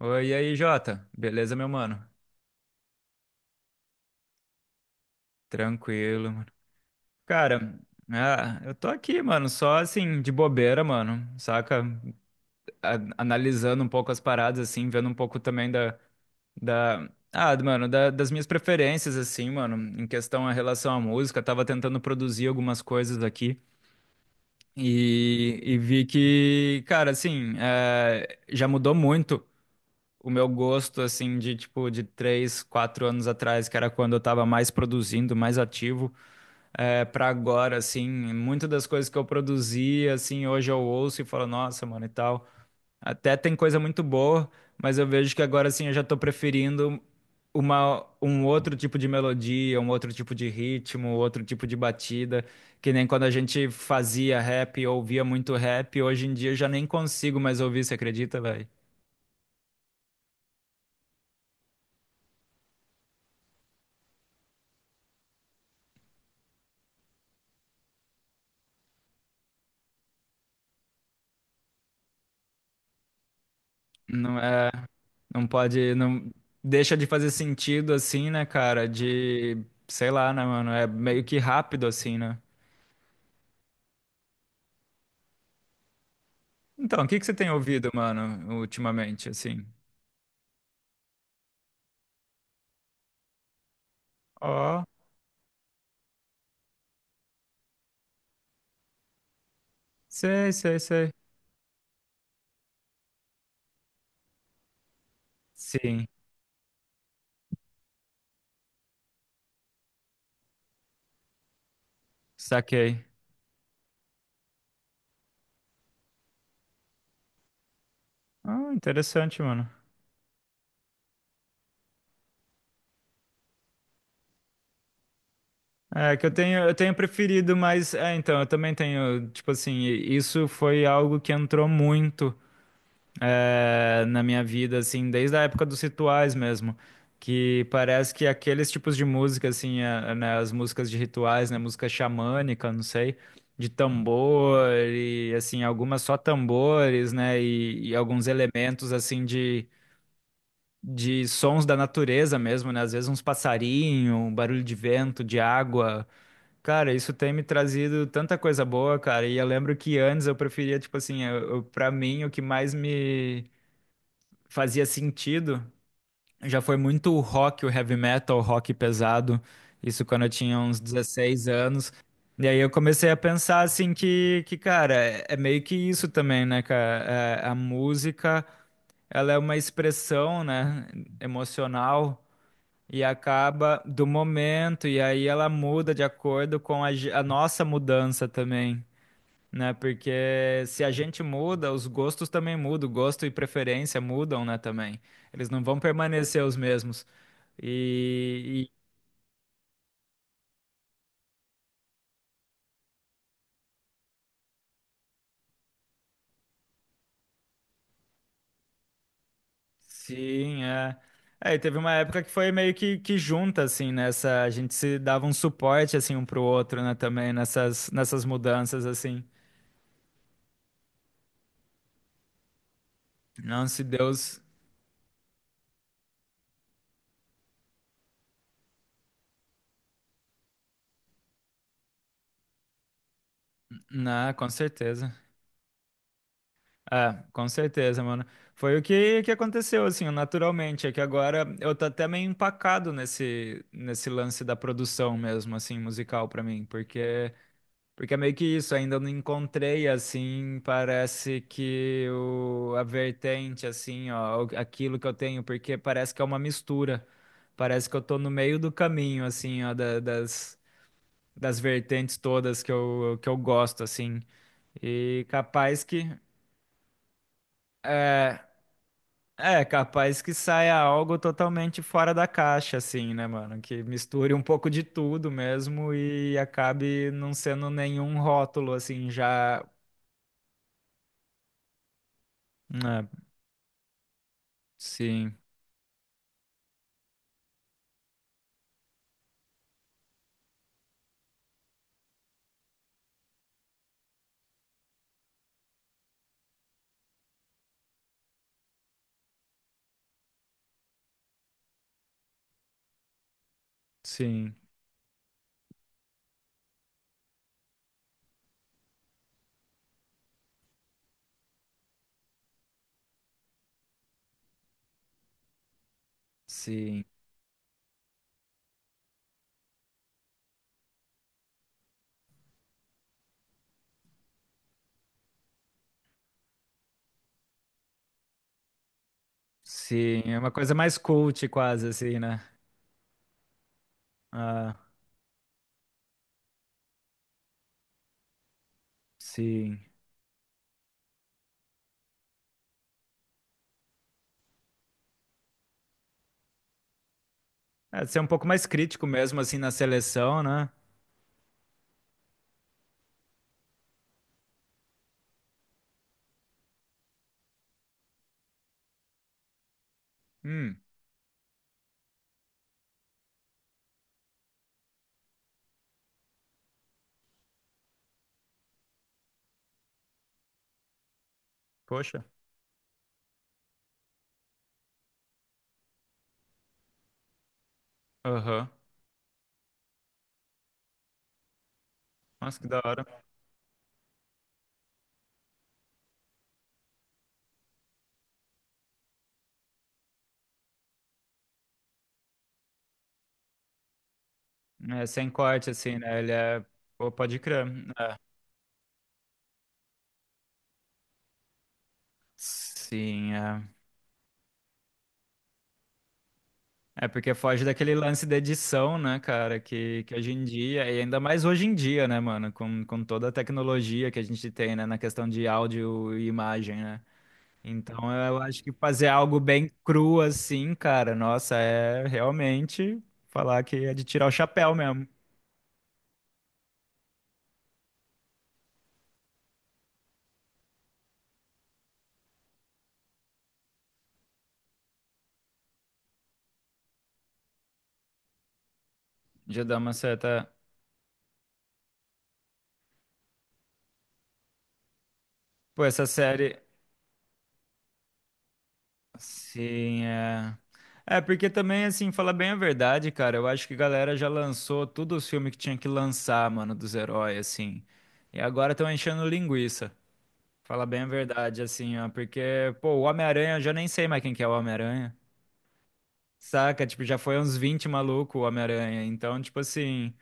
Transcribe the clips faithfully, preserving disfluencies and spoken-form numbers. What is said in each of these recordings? Oi, e aí, Jota? Beleza, meu mano? Tranquilo, mano. Cara, ah, eu tô aqui, mano, só assim, de bobeira, mano, saca? A- analisando um pouco as paradas, assim, vendo um pouco também da, da, ah, mano, da- das minhas preferências, assim, mano, em questão a relação à música. Tava tentando produzir algumas coisas aqui e, e vi que, cara, assim, eh, já mudou muito. O meu gosto, assim, de tipo, de três, quatro anos atrás, que era quando eu tava mais produzindo, mais ativo, é, pra agora, assim, muitas das coisas que eu produzia, assim, hoje eu ouço e falo, nossa, mano, e tal. Até tem coisa muito boa, mas eu vejo que agora, assim, eu já tô preferindo uma, um outro tipo de melodia, um outro tipo de ritmo, outro tipo de batida, que nem quando a gente fazia rap, ouvia muito rap, hoje em dia eu já nem consigo mais ouvir, você acredita? Não é, não pode, não deixa de fazer sentido assim, né, cara? De, sei lá, né, mano? É meio que rápido assim, né? Então, o que que você tem ouvido, mano, ultimamente, assim? Ó, sei, sei, sei. Sim, saquei. Ah, interessante, mano. É que eu tenho, eu tenho preferido, mas é, então, eu também tenho, tipo assim, isso foi algo que entrou muito. Eh, na minha vida, assim, desde a época dos rituais mesmo, que parece que aqueles tipos de música, assim, a- né, as músicas de rituais, né, música xamânica, não sei, de tambor e, assim, algumas só tambores, né, e, e alguns elementos, assim, de, de sons da natureza mesmo, né, às vezes uns passarinho, um barulho de vento, de água. Cara, isso tem me trazido tanta coisa boa, cara. E eu lembro que antes eu preferia, tipo assim, eu, eu, pra mim, o que mais me fazia sentido. Já foi muito o rock, o heavy metal, o rock pesado. Isso quando eu tinha uns dezesseis anos. E aí eu comecei a pensar assim que, que, cara, é é meio que isso também, né, cara? É, a música, ela é uma expressão, né, emocional e acaba do momento e aí ela muda de acordo com a, ge- a nossa mudança também, né? Porque se a gente muda, os gostos também mudam, gosto e preferência mudam, né, também. Eles não vão permanecer os mesmos. E, e- sim, é. É, e teve uma época que foi meio que, que junta, assim, nessa. A gente se dava um suporte, assim, um pro outro, né, também, nessas, nessas mudanças, assim. Não, se Deus. Não, com certeza. É, com certeza, mano. Foi o que, que aconteceu, assim, naturalmente. É que agora eu tô até meio empacado nesse, nesse lance da produção mesmo, assim, musical pra mim. Porque, porque é meio que isso, ainda não encontrei, assim, parece que o, a vertente, assim, ó, o- aquilo que eu tenho, porque parece que é uma mistura. Parece que eu tô no meio do caminho, assim, ó, da- das, das vertentes todas que eu que eu gosto, assim. E capaz que. É, é, capaz que saia algo totalmente fora da caixa, assim, né, mano? Que misture um pouco de tudo mesmo e acabe não sendo nenhum rótulo, assim, já, né? Sim, sim, sim, sim. É uma coisa mais cult, quase, assim, né? Ah, sim. É, ser um pouco mais crítico mesmo, assim, na seleção, né? Hum, poxa. Aham. Nossa, que da hora. É, sem corte, assim, né? Ele é. Pô, pode crer. Sim, é. É porque foge daquele lance da edição, né, cara? Que, que hoje em dia, e ainda mais hoje em dia, né, mano? Com, com toda a tecnologia que a gente tem, né, na questão de áudio e imagem, né? Então eu acho que fazer algo bem cru assim, cara, nossa, é realmente falar que é de tirar o chapéu mesmo. De dar uma certa. Pô, essa série. Sim, é. É, porque também, assim, falar bem a verdade, cara, eu acho que a galera já lançou todos os filmes que tinha que lançar, mano, dos heróis, assim. E agora estão enchendo linguiça. Falar bem a verdade, assim, ó. Porque, pô, o Homem-Aranha, eu já nem sei mais quem que é o Homem-Aranha. Saca? Tipo, já foi uns vinte maluco o Homem-Aranha. Então, tipo assim.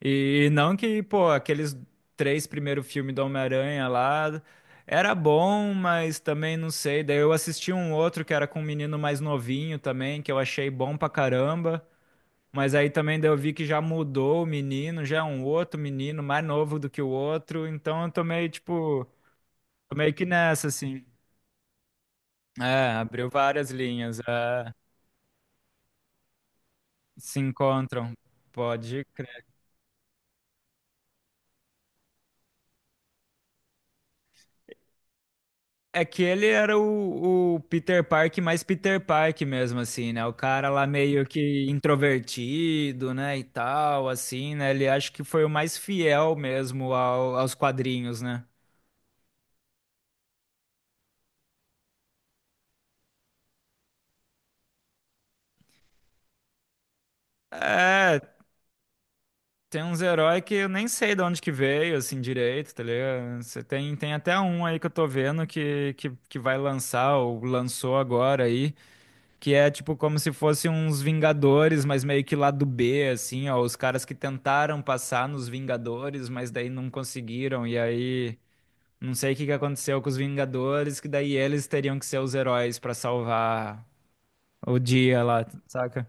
E não que, pô, aqueles três primeiros filmes do Homem-Aranha lá era bom, mas também não sei. Daí eu assisti um outro que era com um menino mais novinho também, que eu achei bom pra caramba. Mas aí também daí eu vi que já mudou o menino, já é um outro menino, mais novo do que o outro. Então eu tô meio, tipo, tô meio que nessa, assim. É, abriu várias linhas. É, se encontram. Pode. É que ele era o, o Peter Park mais Peter Park mesmo, assim, né? O cara lá meio que introvertido, né? E tal, assim, né? Ele acho que foi o mais fiel mesmo ao- aos quadrinhos, né? É, tem uns heróis que eu nem sei de onde que veio, assim, direito, tá ligado? Você tem, tem até um aí que eu tô vendo que, que, que vai lançar, ou lançou agora aí. Que é tipo como se fossem uns Vingadores, mas meio que lá do B, assim, ó. Os caras que tentaram passar nos Vingadores, mas daí não conseguiram. E aí, não sei o que que aconteceu com os Vingadores, que daí eles teriam que ser os heróis pra salvar o dia lá, saca?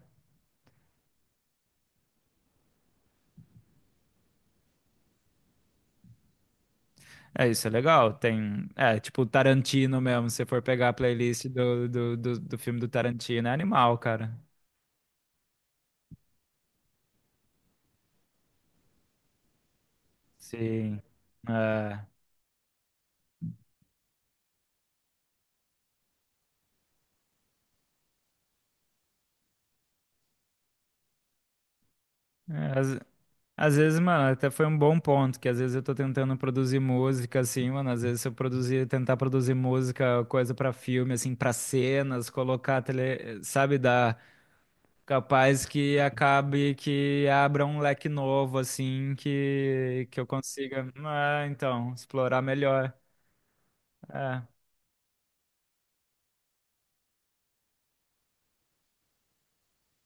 É, isso é legal. Tem. É, tipo Tarantino mesmo. Se você for pegar a playlist do, do, do, do filme do Tarantino, é animal, cara. Sim. É. É. as- Às vezes, mano, até foi um bom ponto, que às vezes eu tô tentando produzir música, assim, mano, às vezes se eu produzir, tentar produzir música, coisa pra filme, assim, pra cenas, colocar tele, sabe, dá capaz que acabe que abra um leque novo, assim, que que eu consiga, ah, então, explorar melhor. É,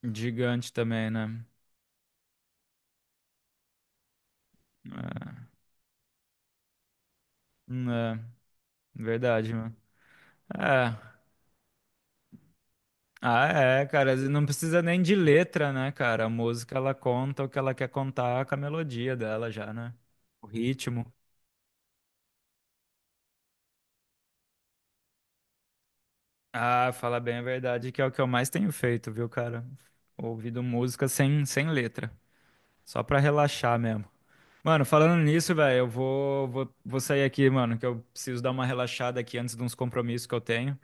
gigante também, né? É, né? Verdade, mano. É. Ah, é, cara, não precisa nem de letra, né, cara? A música ela conta o que ela quer contar com a melodia dela já, né? O ritmo. Ah, fala bem a verdade, que é o que eu mais tenho feito, viu, cara? Ouvido música sem, sem letra, só pra relaxar mesmo. Mano, falando nisso, velho, eu vou, vou, vou sair aqui, mano, que eu preciso dar uma relaxada aqui antes de uns compromissos que eu tenho.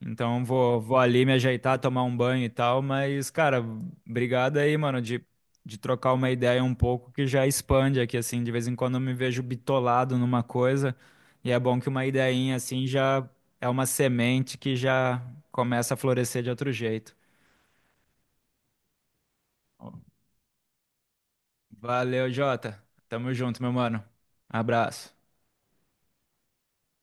Então vou, vou ali me ajeitar, tomar um banho e tal, mas, cara, obrigado aí, mano, de, de trocar uma ideia um pouco que já expande aqui, assim, de vez em quando eu me vejo bitolado numa coisa, e é bom que uma ideinha assim já é uma semente que já começa a florescer de outro jeito. Valeu, Jota. Tamo junto, meu mano. Abraço.